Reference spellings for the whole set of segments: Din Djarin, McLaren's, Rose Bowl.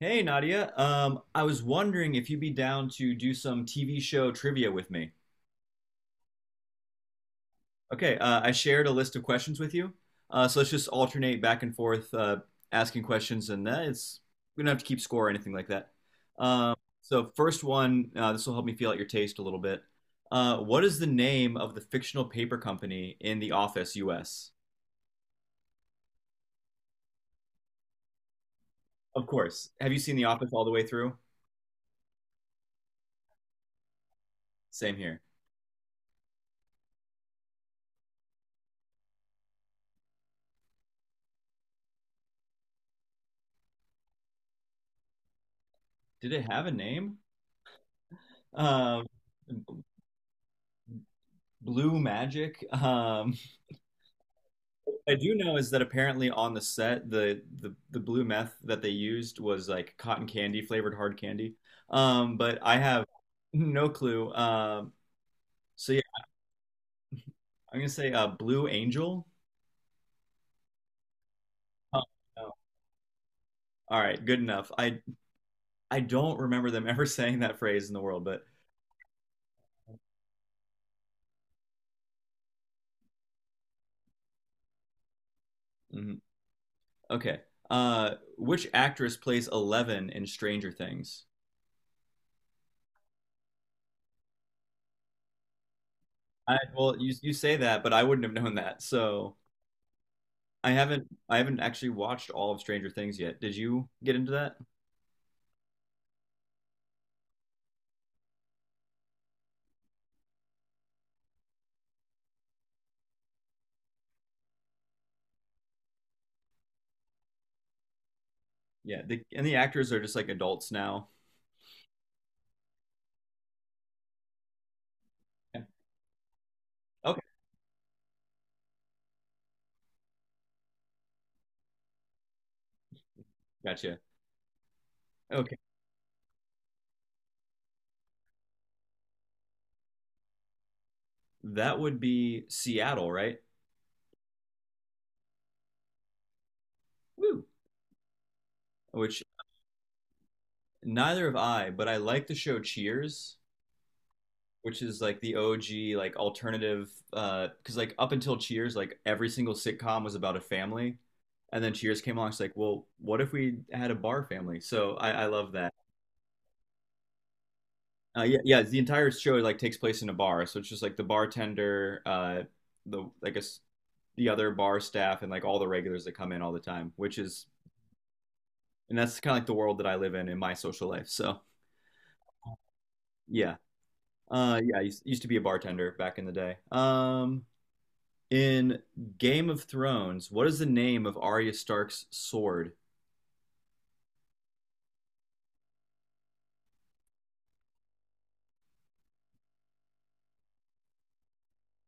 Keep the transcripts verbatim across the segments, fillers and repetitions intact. Hey Nadia, um, I was wondering if you'd be down to do some T V show trivia with me. Okay, uh, I shared a list of questions with you, uh, so let's just alternate back and forth uh, asking questions, and that it's we don't have to keep score or anything like that. Um, so first one, uh, this will help me feel out your taste a little bit. Uh, what is the name of the fictional paper company in The Office, U S? Of course. Have you seen The Office all the way through? Same here. Did it have a name? Um. Blue Magic. Um, I do know is that apparently on the set, the the the blue meth that they used was like cotton candy flavored hard candy. Um, but I have no clue. Um, so yeah, I'm gonna say uh, Blue Angel. Oh, no. All right, good enough. I I don't remember them ever saying that phrase in the world, but mhm. Okay. Uh, which actress plays Eleven in Stranger Things? I, well, you you say that, but I wouldn't have known that. So I haven't I haven't actually watched all of Stranger Things yet. Did you get into that? Yeah, the, and the actors are just like adults now. Yeah. Okay, gotcha. Okay, that would be Seattle, right? Woo. Which neither have I, but I like the show Cheers, which is like the O G like alternative. Uh, because like up until Cheers, like every single sitcom was about a family, and then Cheers came along. It's like, well, what if we had a bar family? So I, I love that. Uh, yeah, yeah. The entire show like takes place in a bar, so it's just like the bartender, uh, the I guess the other bar staff and like all the regulars that come in all the time, which is and that's kind of like the world that I live in in my social life. So yeah, uh, yeah, I used, used to be a bartender back in the day. Um, in Game of Thrones, what is the name of Arya Stark's sword?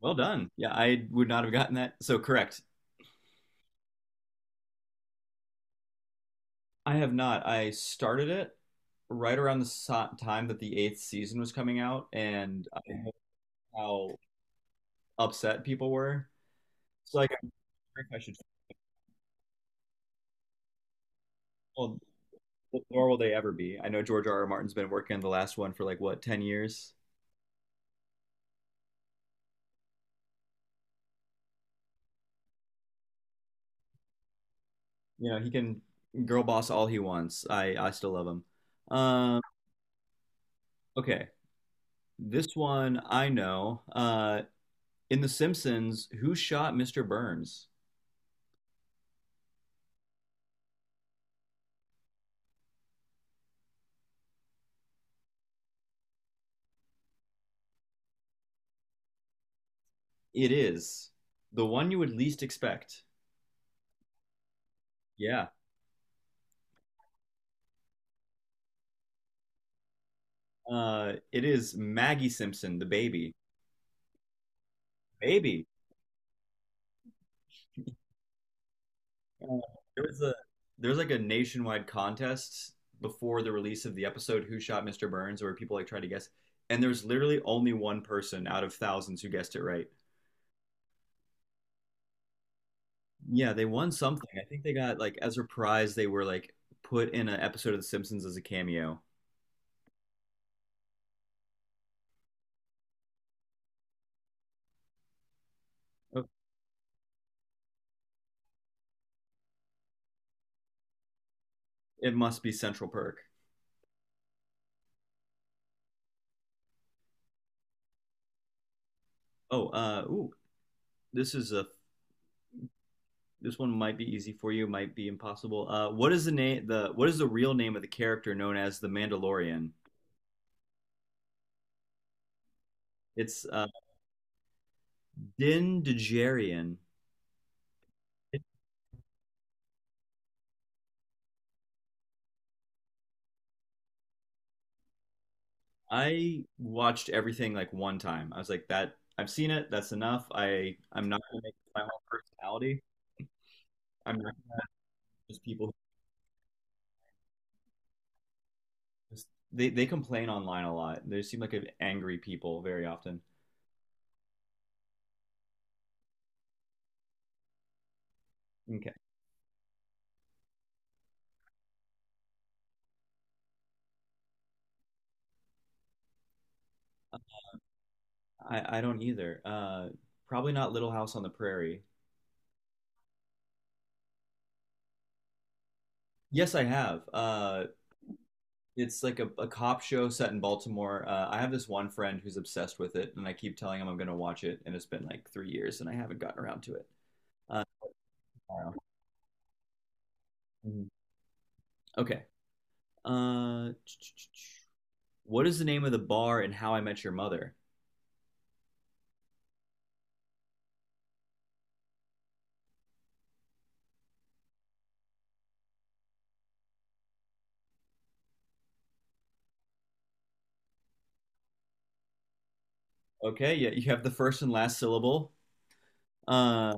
Well done. Yeah, I would not have gotten that. So correct. I have not. I started it right around the so- time that the eighth season was coming out, and I know how upset people were. So like, I wonder if I should. Well, nor will they ever be. I know George R. R. Martin's been working on the last one for like what, ten years? You know, he can girl boss all he wants. I I still love him. Um, okay. This one I know. Uh, in The Simpsons, who shot Mister Burns? It is the one you would least expect. Yeah. Uh, it is Maggie Simpson, the baby. Baby. Uh. There was a there was like a nationwide contest before the release of the episode Who Shot Mister Burns where people like tried to guess and there's literally only one person out of thousands who guessed it right. Yeah, they won something. I think they got like as a prize they were like put in an episode of The Simpsons as a cameo. Oh. It must be Central Perk. Oh, uh ooh, this is a this one might be easy for you, might be impossible. Uh what is the name the what is the real name of the character known as the Mandalorian? It's uh Din Djarin. I watched everything like one time. I was like, that I've seen it. That's enough. I I'm not gonna make it my whole personality. I'm not gonna just people who just they they complain online a lot. They seem like a- angry people very often. Okay, I I don't either. Uh, probably not Little House on the Prairie. Yes, I have. Uh, it's like a, a cop show set in Baltimore. Uh, I have this one friend who's obsessed with it, and I keep telling him I'm gonna watch it, and it's been like three years, and I haven't gotten around to it. Uh, I don't know. Mhm. Okay. Uh, what is the name of the bar in How I Met Your Mother? Okay, yeah, you have the first and last syllable. Uh,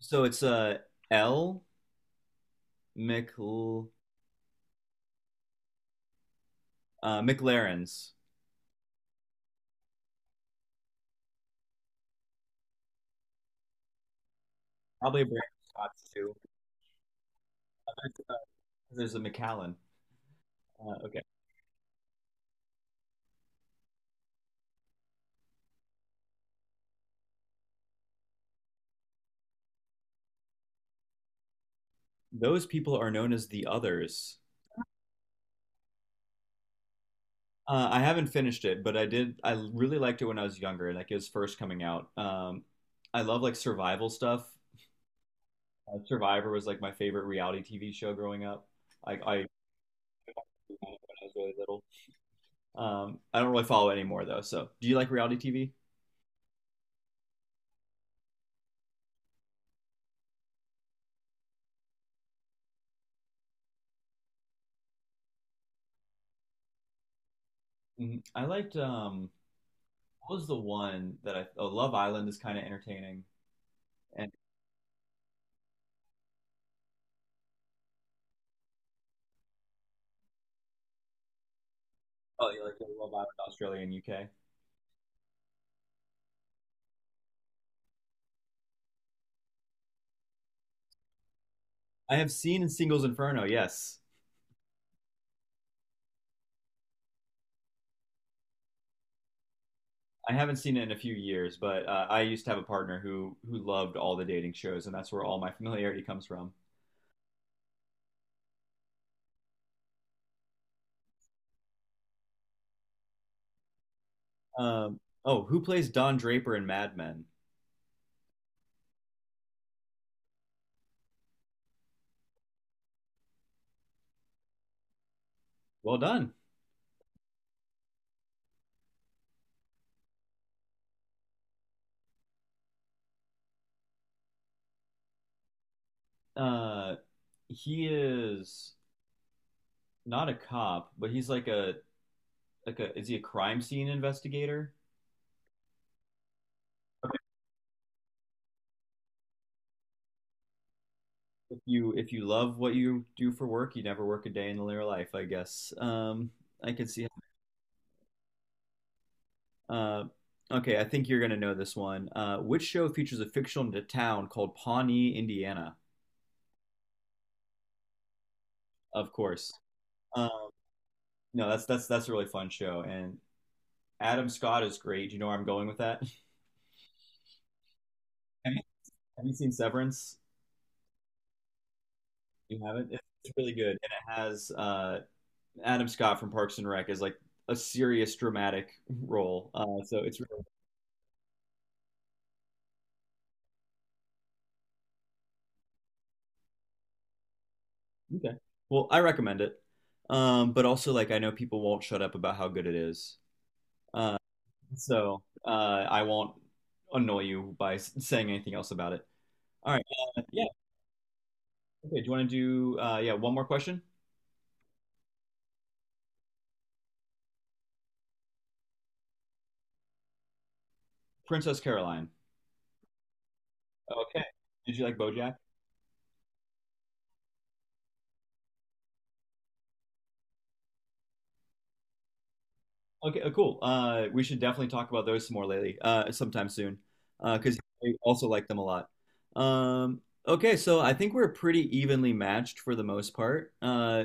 so it's uh L Mc uh McLaren's. Probably a brand of Scots too. Uh. There's a McAllen. Uh, okay, those people are known as the others. Uh, I haven't finished it, but I did. I really liked it when I was younger, like it was first coming out. Um, I love like survival stuff. Uh, Survivor was like my favorite reality T V show growing up. I, I I really little. Um, I don't really follow it anymore though. So, do you like reality T V? Mhm. I liked um, what was the one that I? Oh, Love Island is kind of entertaining. And oh, you like Love Island, Australia and U K? I have seen Singles Inferno. Yes, I haven't seen it in a few years, but uh, I used to have a partner who who loved all the dating shows, and that's where all my familiarity comes from. Um, oh, who plays Don Draper in Mad Men? Well done. Uh, he is not a cop, but he's like a like a is he a crime scene investigator? If you if you love what you do for work, you never work a day in your life, I guess. Um, I can see. Uh, okay, I think you're gonna know this one. Uh, which show features a fictional town called Pawnee, Indiana? Of course. Uh, no, that's that's that's a really fun show, and Adam Scott is great. Do you know where I'm going with that? have, you, have you seen Severance? You haven't? It's really good, and it has uh, Adam Scott from Parks and Rec as like a serious dramatic role. Uh, so it's really Okay. Well, I recommend it. Um, but also like I know people won't shut up about how good it is. Uh, so uh, I won't annoy you by s- saying anything else about it. All right. Uh, yeah. Okay. Do you want to do uh, yeah, one more question? Princess Caroline. Okay. Did you like BoJack? Okay, uh, cool. Uh, we should definitely talk about those some more lately, uh, sometime soon, Uh because I also like them a lot. Um, okay, so I think we're pretty evenly matched for the most part. Uh.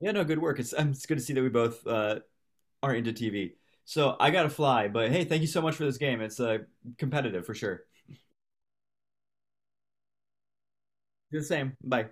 Yeah, no, good work. It's um, it's good to see that we both uh, are into T V. So I gotta fly, but hey, thank you so much for this game. It's uh, competitive for sure. Do the same. Bye.